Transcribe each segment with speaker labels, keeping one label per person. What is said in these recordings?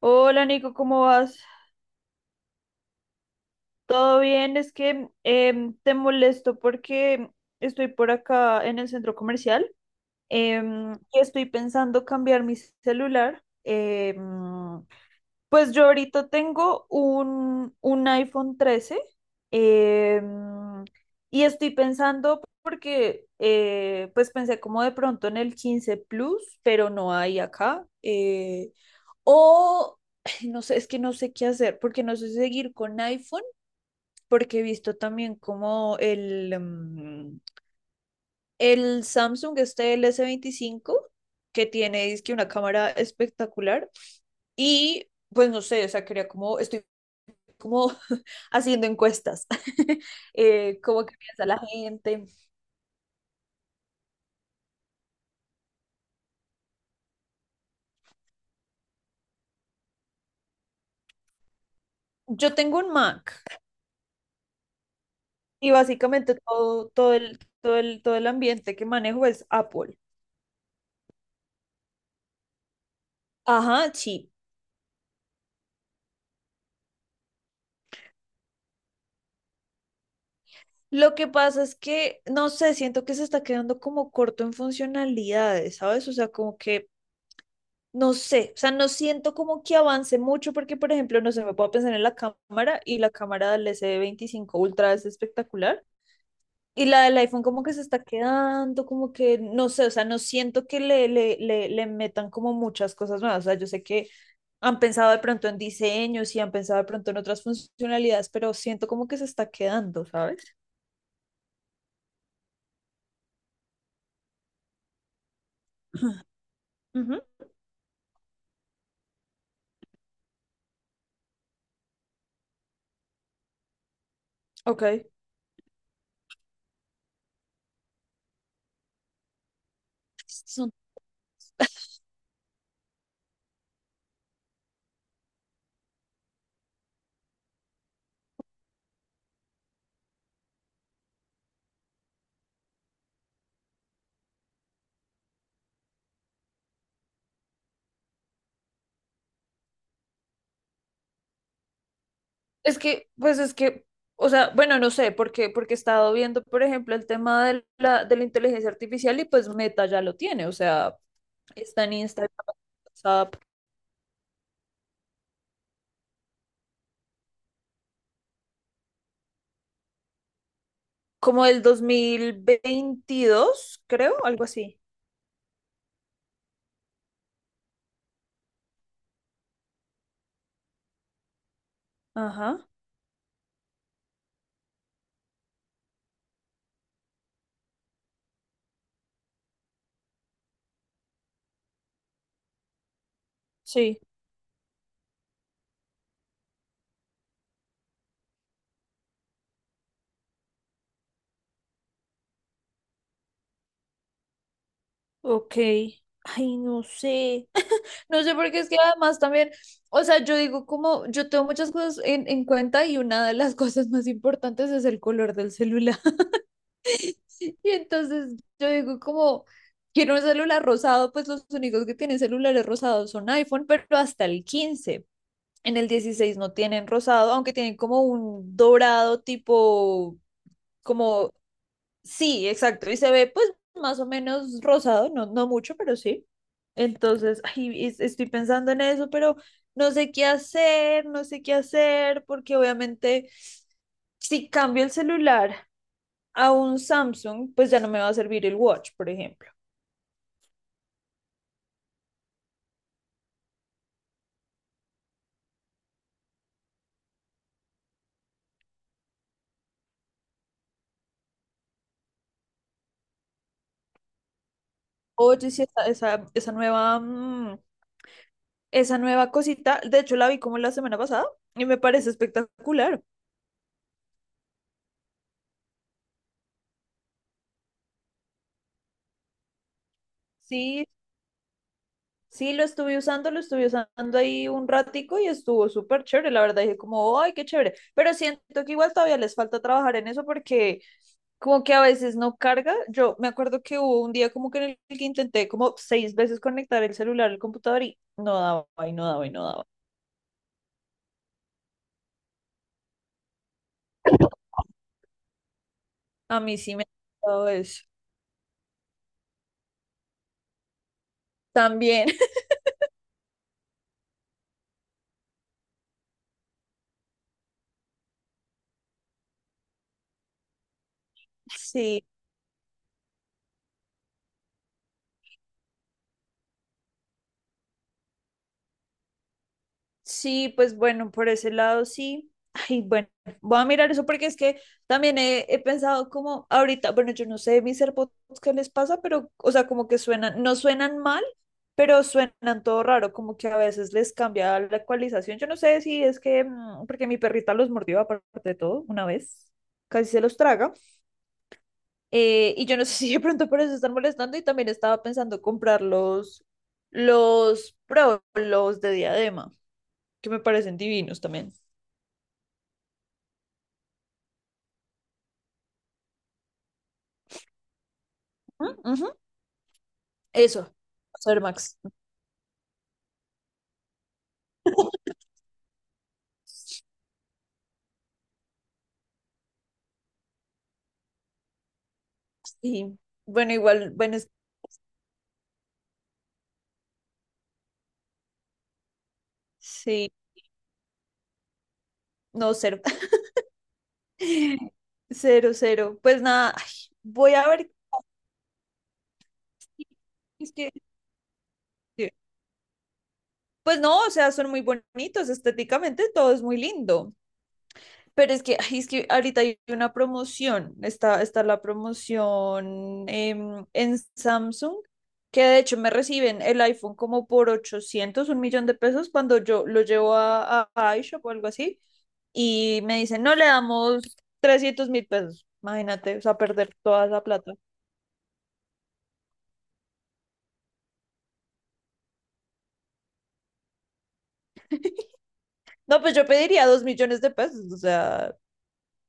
Speaker 1: Hola Nico, ¿cómo vas? ¿Todo bien? Es que te molesto porque estoy por acá en el centro comercial, y estoy pensando cambiar mi celular. Pues yo ahorita tengo un iPhone 13. em, y estoy pensando porque pues pensé como de pronto en el 15 Plus, pero no hay acá. O ay, no sé, es que no sé qué hacer, porque no sé si seguir con iPhone, porque he visto también como el el Samsung, este el S25, que tiene dizque una cámara espectacular. Y pues no sé, o sea, quería como, estoy como haciendo encuestas, cómo que piensa la gente. Yo tengo un Mac y básicamente todo, todo el ambiente que manejo es Apple. Ajá, sí. Lo que pasa es que, no sé, siento que se está quedando como corto en funcionalidades, ¿sabes? O sea, como que, no sé, o sea, no siento como que avance mucho porque, por ejemplo, no sé, me puedo pensar en la cámara, y la cámara del S25 Ultra es espectacular. Y la del iPhone como que se está quedando, como que, no sé, o sea, no siento que le metan como muchas cosas nuevas. O sea, yo sé que han pensado de pronto en diseños y han pensado de pronto en otras funcionalidades, pero siento como que se está quedando, ¿sabes? Ujú. Ok. Es que, pues es que, o sea, bueno, no sé, porque, porque he estado viendo, por ejemplo, el tema de la inteligencia artificial, y pues Meta ya lo tiene, o sea, está en Instagram, WhatsApp, como el 2022, creo, algo así. Ajá, sí, ok. Ay, no sé. No sé, porque es que además también, o sea, yo digo como, yo tengo muchas cosas en cuenta y una de las cosas más importantes es el color del celular. Y entonces yo digo como, quiero un celular rosado, pues los únicos que tienen celulares rosados son iPhone, pero hasta el 15. En el 16 no tienen rosado, aunque tienen como un dorado tipo, como, sí, exacto, y se ve pues más o menos rosado, no, no mucho, pero sí. Entonces, ay, estoy pensando en eso, pero no sé qué hacer, no sé qué hacer, porque obviamente, si cambio el celular a un Samsung, pues ya no me va a servir el Watch, por ejemplo. Oye, sí, esa nueva, esa nueva cosita, de hecho la vi como la semana pasada y me parece espectacular. Sí. Sí, lo estuve usando ahí un ratico y estuvo súper chévere, la verdad dije como, ay, qué chévere, pero siento que igual todavía les falta trabajar en eso porque como que a veces no carga, yo me acuerdo que hubo un día como que en el que intenté como seis veces conectar el celular al computador y no daba, y no daba, y no daba. A mí sí me ha pasado eso. También. Sí. Sí, pues bueno, por ese lado sí. Ay, bueno, voy a mirar eso porque es que también he pensado como ahorita, bueno, yo no sé mis AirPods qué les pasa, pero, o sea, como que suenan, no suenan mal, pero suenan todo raro, como que a veces les cambia la ecualización. Yo no sé si es que, porque mi perrita los mordió aparte de todo una vez, casi se los traga, y yo no sé si de pronto por eso están molestando, y también estaba pensando comprar los Pro, los de diadema, que me parecen divinos también. Ujú, ujú. Eso, ser Max. Sí. Bueno, igual, bueno, sí, no, cero. Cero, cero. Pues nada, ay, voy a ver. qué- Es que, sí. Pues no, o sea, son muy bonitos estéticamente, todo es muy lindo. Pero es que, ay, es que ahorita hay una promoción, está la promoción en Samsung, que de hecho me reciben el iPhone como por $801.000.000 cuando yo lo llevo a, iShop o algo así, y me dicen, no le damos $300.000, imagínate, o sea, perder toda esa plata. No, pues yo pediría $2.000.000, o sea,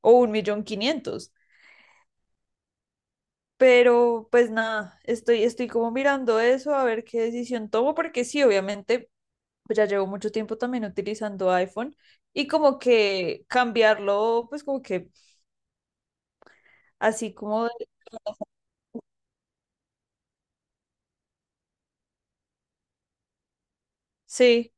Speaker 1: o 1.500.000. Pero pues nada, estoy, estoy como mirando eso, a ver qué decisión tomo, porque sí, obviamente, pues ya llevo mucho tiempo también utilizando iPhone, y como que cambiarlo, pues como que así como, sí,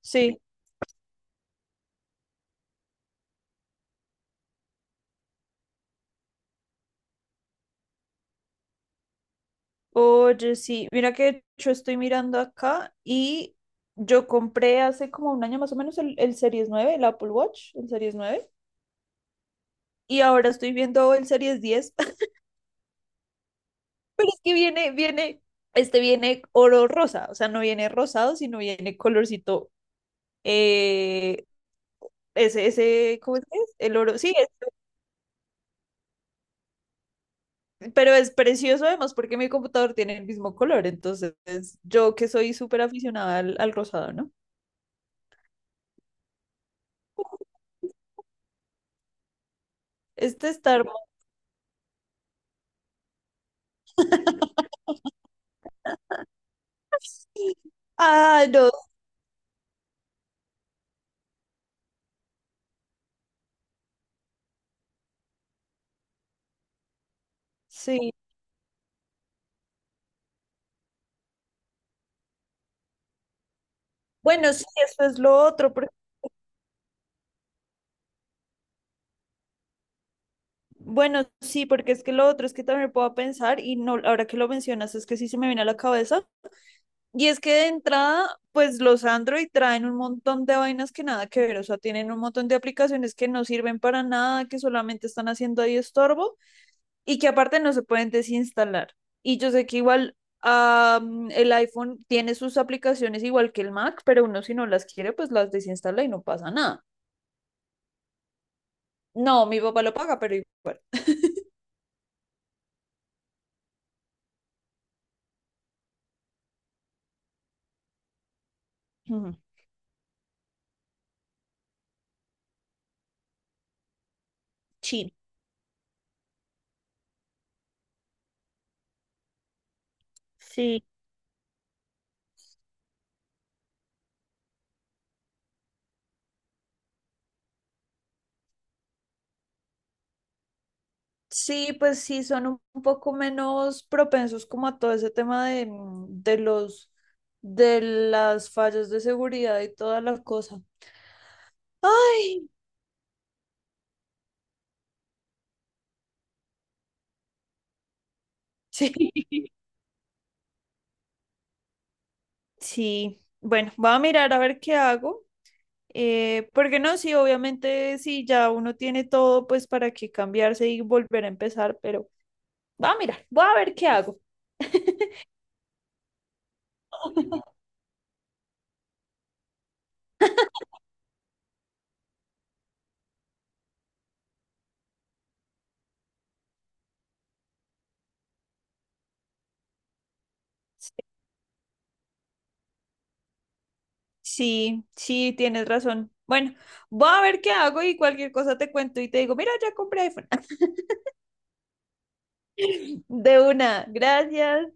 Speaker 1: sí, oye, sí, mira que yo estoy mirando acá y yo compré hace como un año más o menos el Series 9, el Apple Watch, el Series 9, y ahora estoy viendo el Series 10. Pero es que viene, viene, este viene oro rosa, o sea, no viene rosado, sino viene colorcito, eh, ese, ¿cómo es que es? El oro, sí. Pero es precioso además porque mi computador tiene el mismo color, entonces yo, que soy súper aficionada al rosado, ¿no? Este está hermoso. Ah, no, sí. Bueno, sí, eso es lo otro. Bueno, sí, porque es que lo otro es que también puedo pensar y no, ahora que lo mencionas es que sí se me viene a la cabeza. Y es que de entrada, pues los Android traen un montón de vainas que nada que ver, o sea, tienen un montón de aplicaciones que no sirven para nada, que solamente están haciendo ahí estorbo, y que aparte no se pueden desinstalar. Y yo sé que igual, el iPhone tiene sus aplicaciones igual que el Mac, pero uno, si no las quiere, pues las desinstala y no pasa nada. No, mi papá lo paga, pero igual. Ujú. Sí. Sí. Sí, pues sí, son un poco menos propensos como a todo ese tema de, de los de las fallas de seguridad y toda la cosa. Ay, sí. Sí. Bueno, voy a mirar a ver qué hago. Porque no, sí, obviamente, sí, ya uno tiene todo, pues para que cambiarse y volver a empezar, pero va a mirar, voy a ver qué hago. Sí, sí, tienes razón. Bueno, voy a ver qué hago y cualquier cosa te cuento y te digo, mira, ya compré iPhone. De una, gracias.